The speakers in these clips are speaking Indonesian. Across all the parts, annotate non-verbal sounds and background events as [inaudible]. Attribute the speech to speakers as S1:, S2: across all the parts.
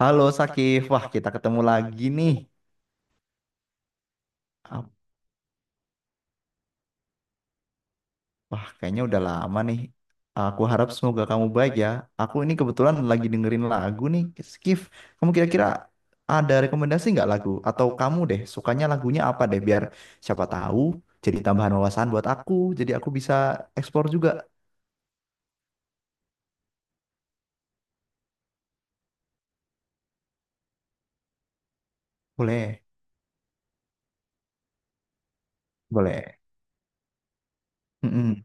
S1: Halo Sakif, wah kita ketemu lagi nih. Apa kayaknya udah lama nih. Aku harap semoga kamu baik ya. Aku ini kebetulan lagi dengerin lagu nih, Sakif. Kamu kira-kira ada rekomendasi nggak lagu? Atau kamu deh sukanya lagunya apa deh? Biar siapa tahu jadi tambahan wawasan buat aku. Jadi aku bisa eksplor juga. Boleh, boleh. Mm-mm.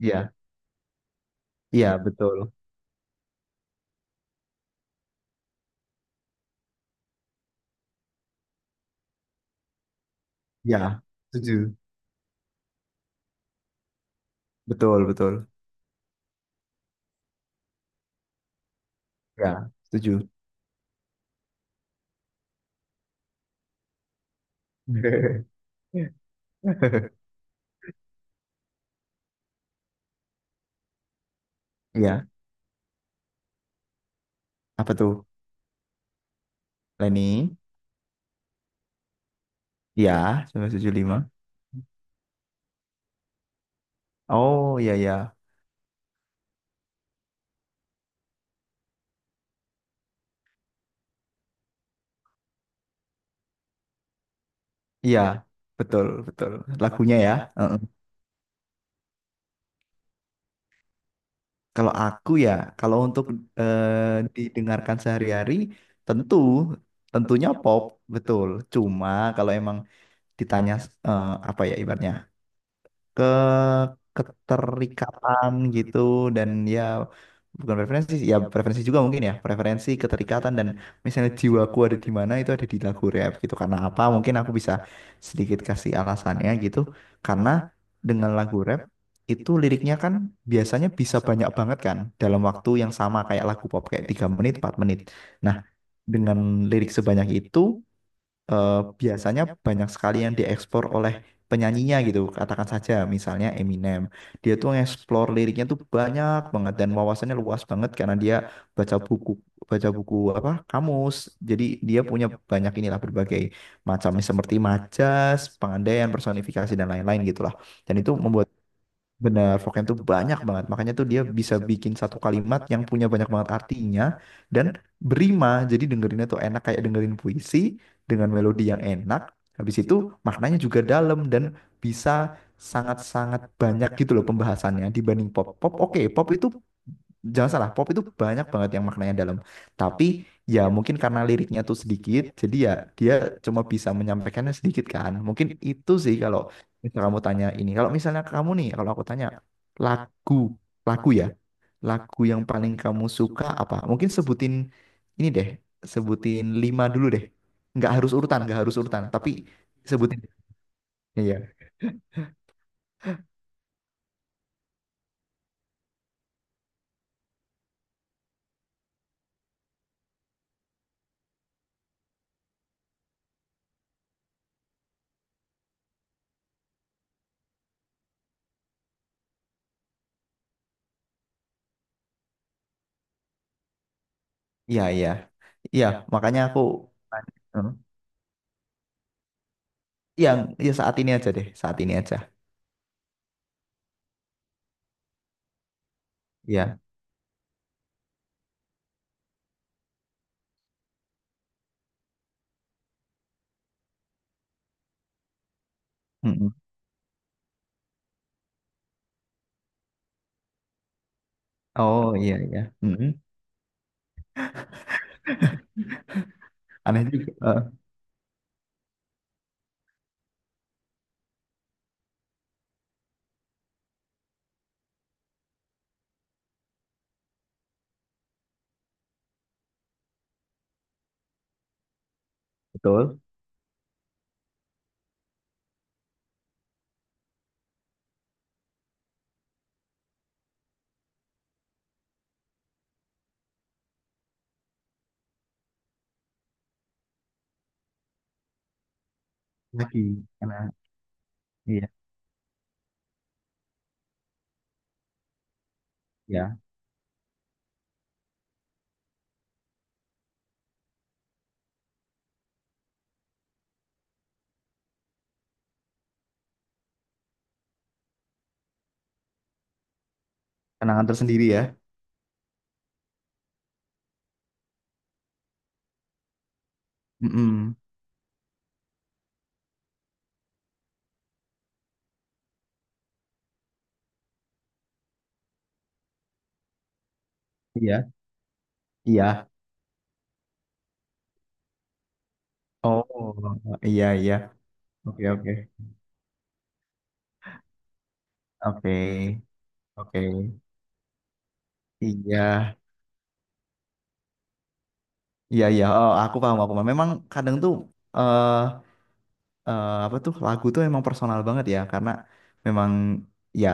S1: Iya, iya betul. Iya, setuju. Betul, betul. Ya, setuju. [laughs] Iya, apa tuh, Leni? Ya, 5. Oh, iya ya. Iya, betul, betul. Lagunya ya. Heeh. Kalau aku ya, kalau untuk didengarkan sehari-hari, tentu, tentunya pop, betul. Cuma kalau emang ditanya, apa ya, ibaratnya ke keterikatan gitu, dan ya bukan preferensi sih, ya preferensi juga mungkin, ya preferensi keterikatan, dan misalnya jiwaku ada di mana, itu ada di lagu rap gitu. Karena apa, mungkin aku bisa sedikit kasih alasannya gitu. Karena dengan lagu rap itu liriknya kan biasanya bisa banyak banget kan dalam waktu yang sama, kayak lagu pop kayak 3 menit 4 menit. Nah, dengan lirik sebanyak itu, eh, biasanya banyak sekali yang diekspor oleh penyanyinya gitu. Katakan saja misalnya Eminem. Dia tuh ngeksplor liriknya tuh banyak banget dan wawasannya luas banget karena dia baca buku, baca buku apa kamus. Jadi dia punya banyak, inilah, berbagai macam seperti majas, pengandaian, personifikasi dan lain-lain gitulah. Dan itu membuat benar, Foken tuh banyak banget. Makanya tuh dia bisa bikin satu kalimat yang punya banyak banget artinya dan berima. Jadi dengerinnya tuh enak, kayak dengerin puisi dengan melodi yang enak. Habis itu maknanya juga dalam dan bisa sangat-sangat banyak gitu loh pembahasannya dibanding pop. Pop oke, pop itu jangan salah, pop itu banyak banget yang maknanya dalam, tapi ya mungkin karena liriknya tuh sedikit jadi ya dia cuma bisa menyampaikannya sedikit kan. Mungkin itu sih, kalau misal kamu tanya, ini kalau misalnya kamu nih, kalau aku tanya lagu, lagu ya, lagu yang paling kamu suka apa, mungkin sebutin, ini deh, sebutin 5 dulu deh, nggak harus urutan, nggak harus urutan tapi sebutin. Iya iya iya iya, makanya aku. Hmm. Yang ya saat ini aja deh, saat ini aja. Iya. Mm-mm. Oh iya iya. Mm-mm. Aneh juga. Eh, betul. Lagi karena iya iya kenangan tersendiri ya. Mm-mm. Iya iya. Oh iya iya. Oke oke oke oke. Iya iya iya. Oh aku paham, aku paham. Memang kadang tuh, eh apa tuh, lagu tuh emang personal banget ya, karena memang, ya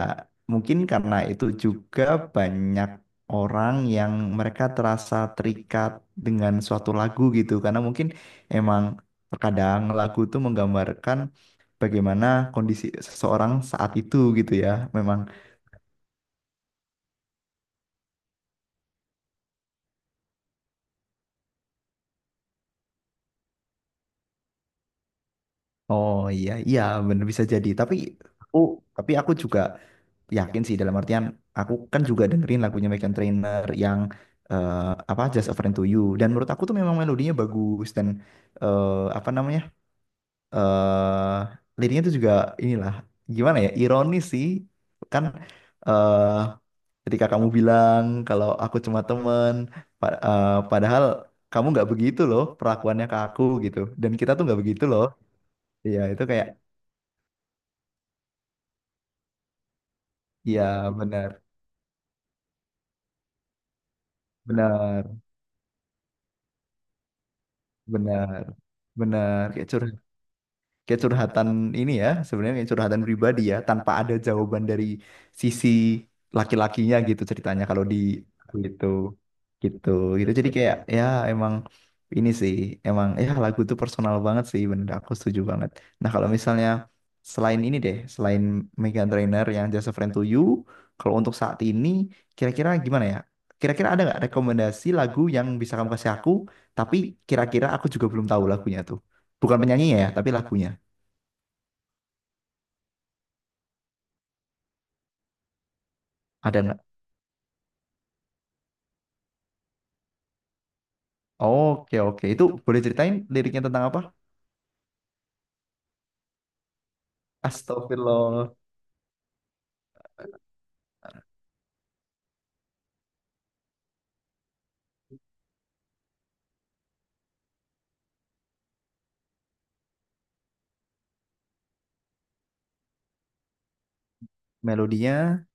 S1: mungkin karena itu juga banyak orang yang mereka terasa terikat dengan suatu lagu gitu, karena mungkin emang terkadang lagu tuh menggambarkan bagaimana kondisi seseorang saat itu gitu ya. Memang, oh iya iya, bener bisa jadi. Tapi aku, tapi aku juga yakin sih, dalam artian aku kan juga dengerin lagunya Meghan Trainor yang, eh, apa, Just a Friend to You, dan menurut aku tuh memang melodinya bagus dan, eh, apa namanya, eh liriknya tuh juga, inilah, gimana ya, ironis sih kan, eh ketika kamu bilang kalau aku cuma temen, padahal kamu nggak begitu loh perlakuannya ke aku gitu, dan kita tuh nggak begitu loh. Iya itu kayak, iya benar benar benar benar, kayak curhat, kayak curhatan. Ini ya sebenarnya kayak curhatan pribadi ya, tanpa ada jawaban dari sisi laki-lakinya gitu ceritanya kalau di itu gitu, gitu jadi kayak ya emang, ini sih emang, ya lagu tuh personal banget sih, bener, aku setuju banget. Nah kalau misalnya selain ini deh, selain Meghan Trainor yang Just a Friend to You, kalau untuk saat ini kira-kira gimana ya, kira-kira ada nggak rekomendasi lagu yang bisa kamu kasih aku, tapi kira-kira aku juga belum tahu lagunya tuh. Bukan penyanyinya ya, tapi lagunya. Ada nggak? Oke, oke. Itu boleh ceritain liriknya tentang apa? Astagfirullah. Melodinya.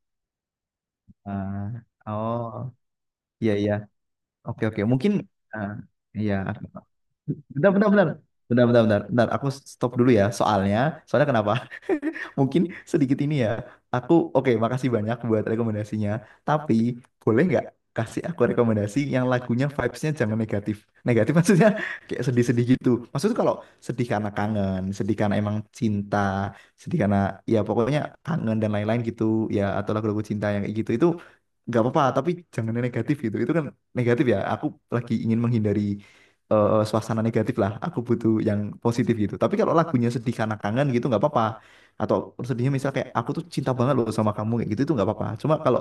S1: Ah, oh, iya, iya. Oke, oke. Mungkin, ah, iya. Bentar, bentar, bentar. Bentar, bentar, bentar. Bentar, aku stop dulu ya. Soalnya, soalnya kenapa? Mungkin sedikit ini ya. Aku oke, makasih banyak buat rekomendasinya. Tapi boleh nggak kasih aku rekomendasi yang lagunya vibes-nya jangan negatif. Negatif maksudnya [laughs] kayak sedih-sedih gitu. Maksudnya kalau sedih karena kangen, sedih karena emang cinta, sedih karena ya pokoknya kangen dan lain-lain gitu ya, atau lagu-lagu cinta yang kayak gitu itu nggak apa-apa, tapi jangan yang negatif gitu itu kan. Negatif ya, aku lagi ingin menghindari, suasana negatif lah, aku butuh yang positif gitu. Tapi kalau lagunya sedih karena kangen gitu nggak apa-apa, atau sedihnya misal kayak aku tuh cinta banget loh sama kamu kayak gitu itu nggak apa-apa. Cuma kalau,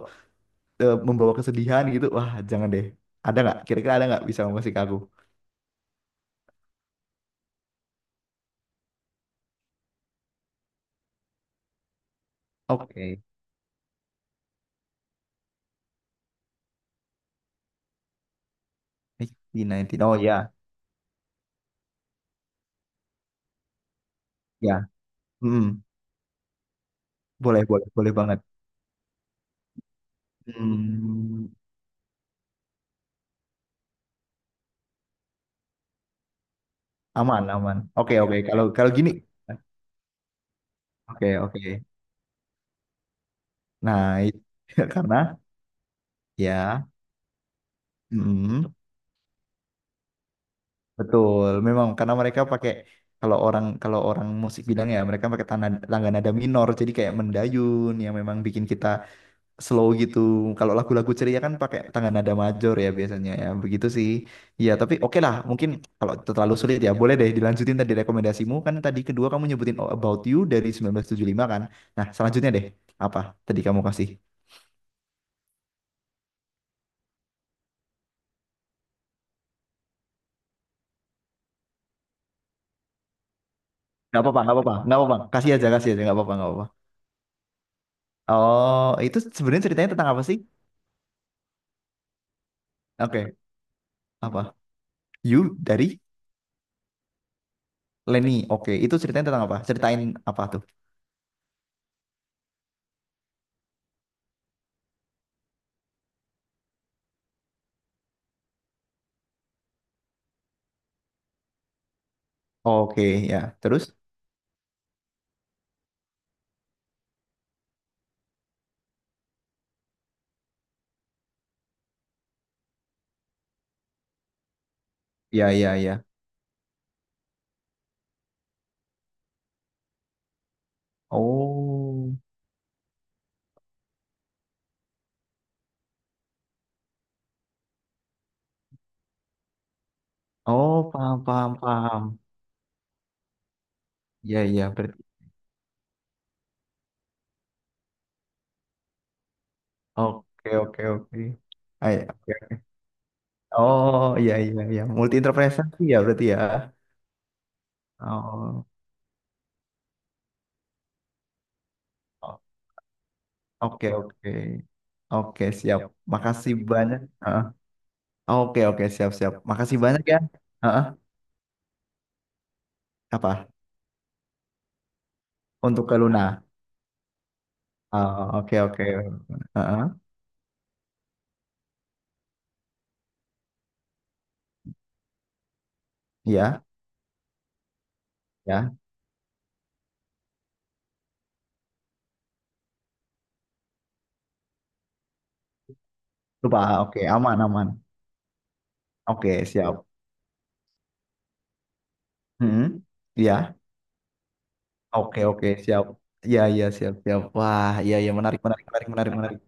S1: membawa kesedihan gitu, wah jangan deh. Ada nggak kira-kira, ada nggak bisa ngasih ke aku. Oke, 19 oh ya ya. Mm-mm. Boleh boleh boleh banget. Hmm, aman aman, oke oke, kalau kalau gini. Oke oke, nah itu, [laughs] karena ya, mm, betul. Memang karena mereka pakai, kalau orang musik bilang ya, mereka pakai tanda, tangga nada minor, jadi kayak mendayun yang memang bikin kita slow gitu. Kalau lagu-lagu ceria kan pakai tangga nada major ya biasanya ya, begitu sih. Ya, tapi oke lah, mungkin kalau terlalu sulit ya boleh deh dilanjutin tadi rekomendasimu, kan tadi kedua kamu nyebutin All About You dari 1975 kan. Nah, selanjutnya deh apa tadi kamu kasih? Gak apa-apa, gak apa-apa, gak apa-apa. Kasih aja, gak apa-apa, gak apa-apa. Oh, itu sebenarnya ceritanya tentang apa sih? Oke, apa? You dari Lenny. Oke, itu ceritanya tentang apa? Ceritain apa tuh? Oke, ya. Terus? Ya, ya, ya. Oh, oh, paham, paham, paham. Ya, ya. Berarti. Oke, oke, oke. Ah, ya, oke. Oh, ya, ya, ya. Multi interpretasi ya, berarti ya. Oh, o- oke, oke. Oke, siap. Makasih banyak. Heeh. Oke, oke, siap, siap. Makasih banyak ya. Heeh. Apa? Untuk ke Luna. Ah, oke, oke. Heeh. Ya, ya. Lupa. Ah, oke, aman aman. Oke, siap. Hmm. Ya. Oke, oke, siap. Ya, ya, siap, siap. Wah, ya, ya, menarik, menarik, menarik, menarik, menarik.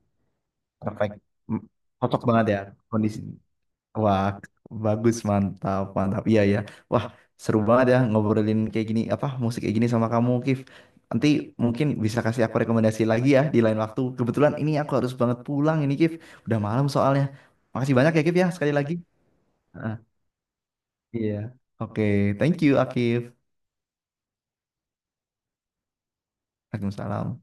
S1: Perfect. M- cocok banget ya kondisi. Wah, bagus, mantap, mantap. Iya, ya. Wah, seru banget ya ngobrolin kayak gini, apa musik kayak gini sama kamu, Kif. Nanti mungkin bisa kasih aku rekomendasi lagi ya di lain waktu. Kebetulan ini aku harus banget pulang ini, Kif. Udah malam soalnya. Makasih banyak ya, Kif ya, sekali lagi. Ah, iya. Oke, thank you, Akif. Waalaikumsalam.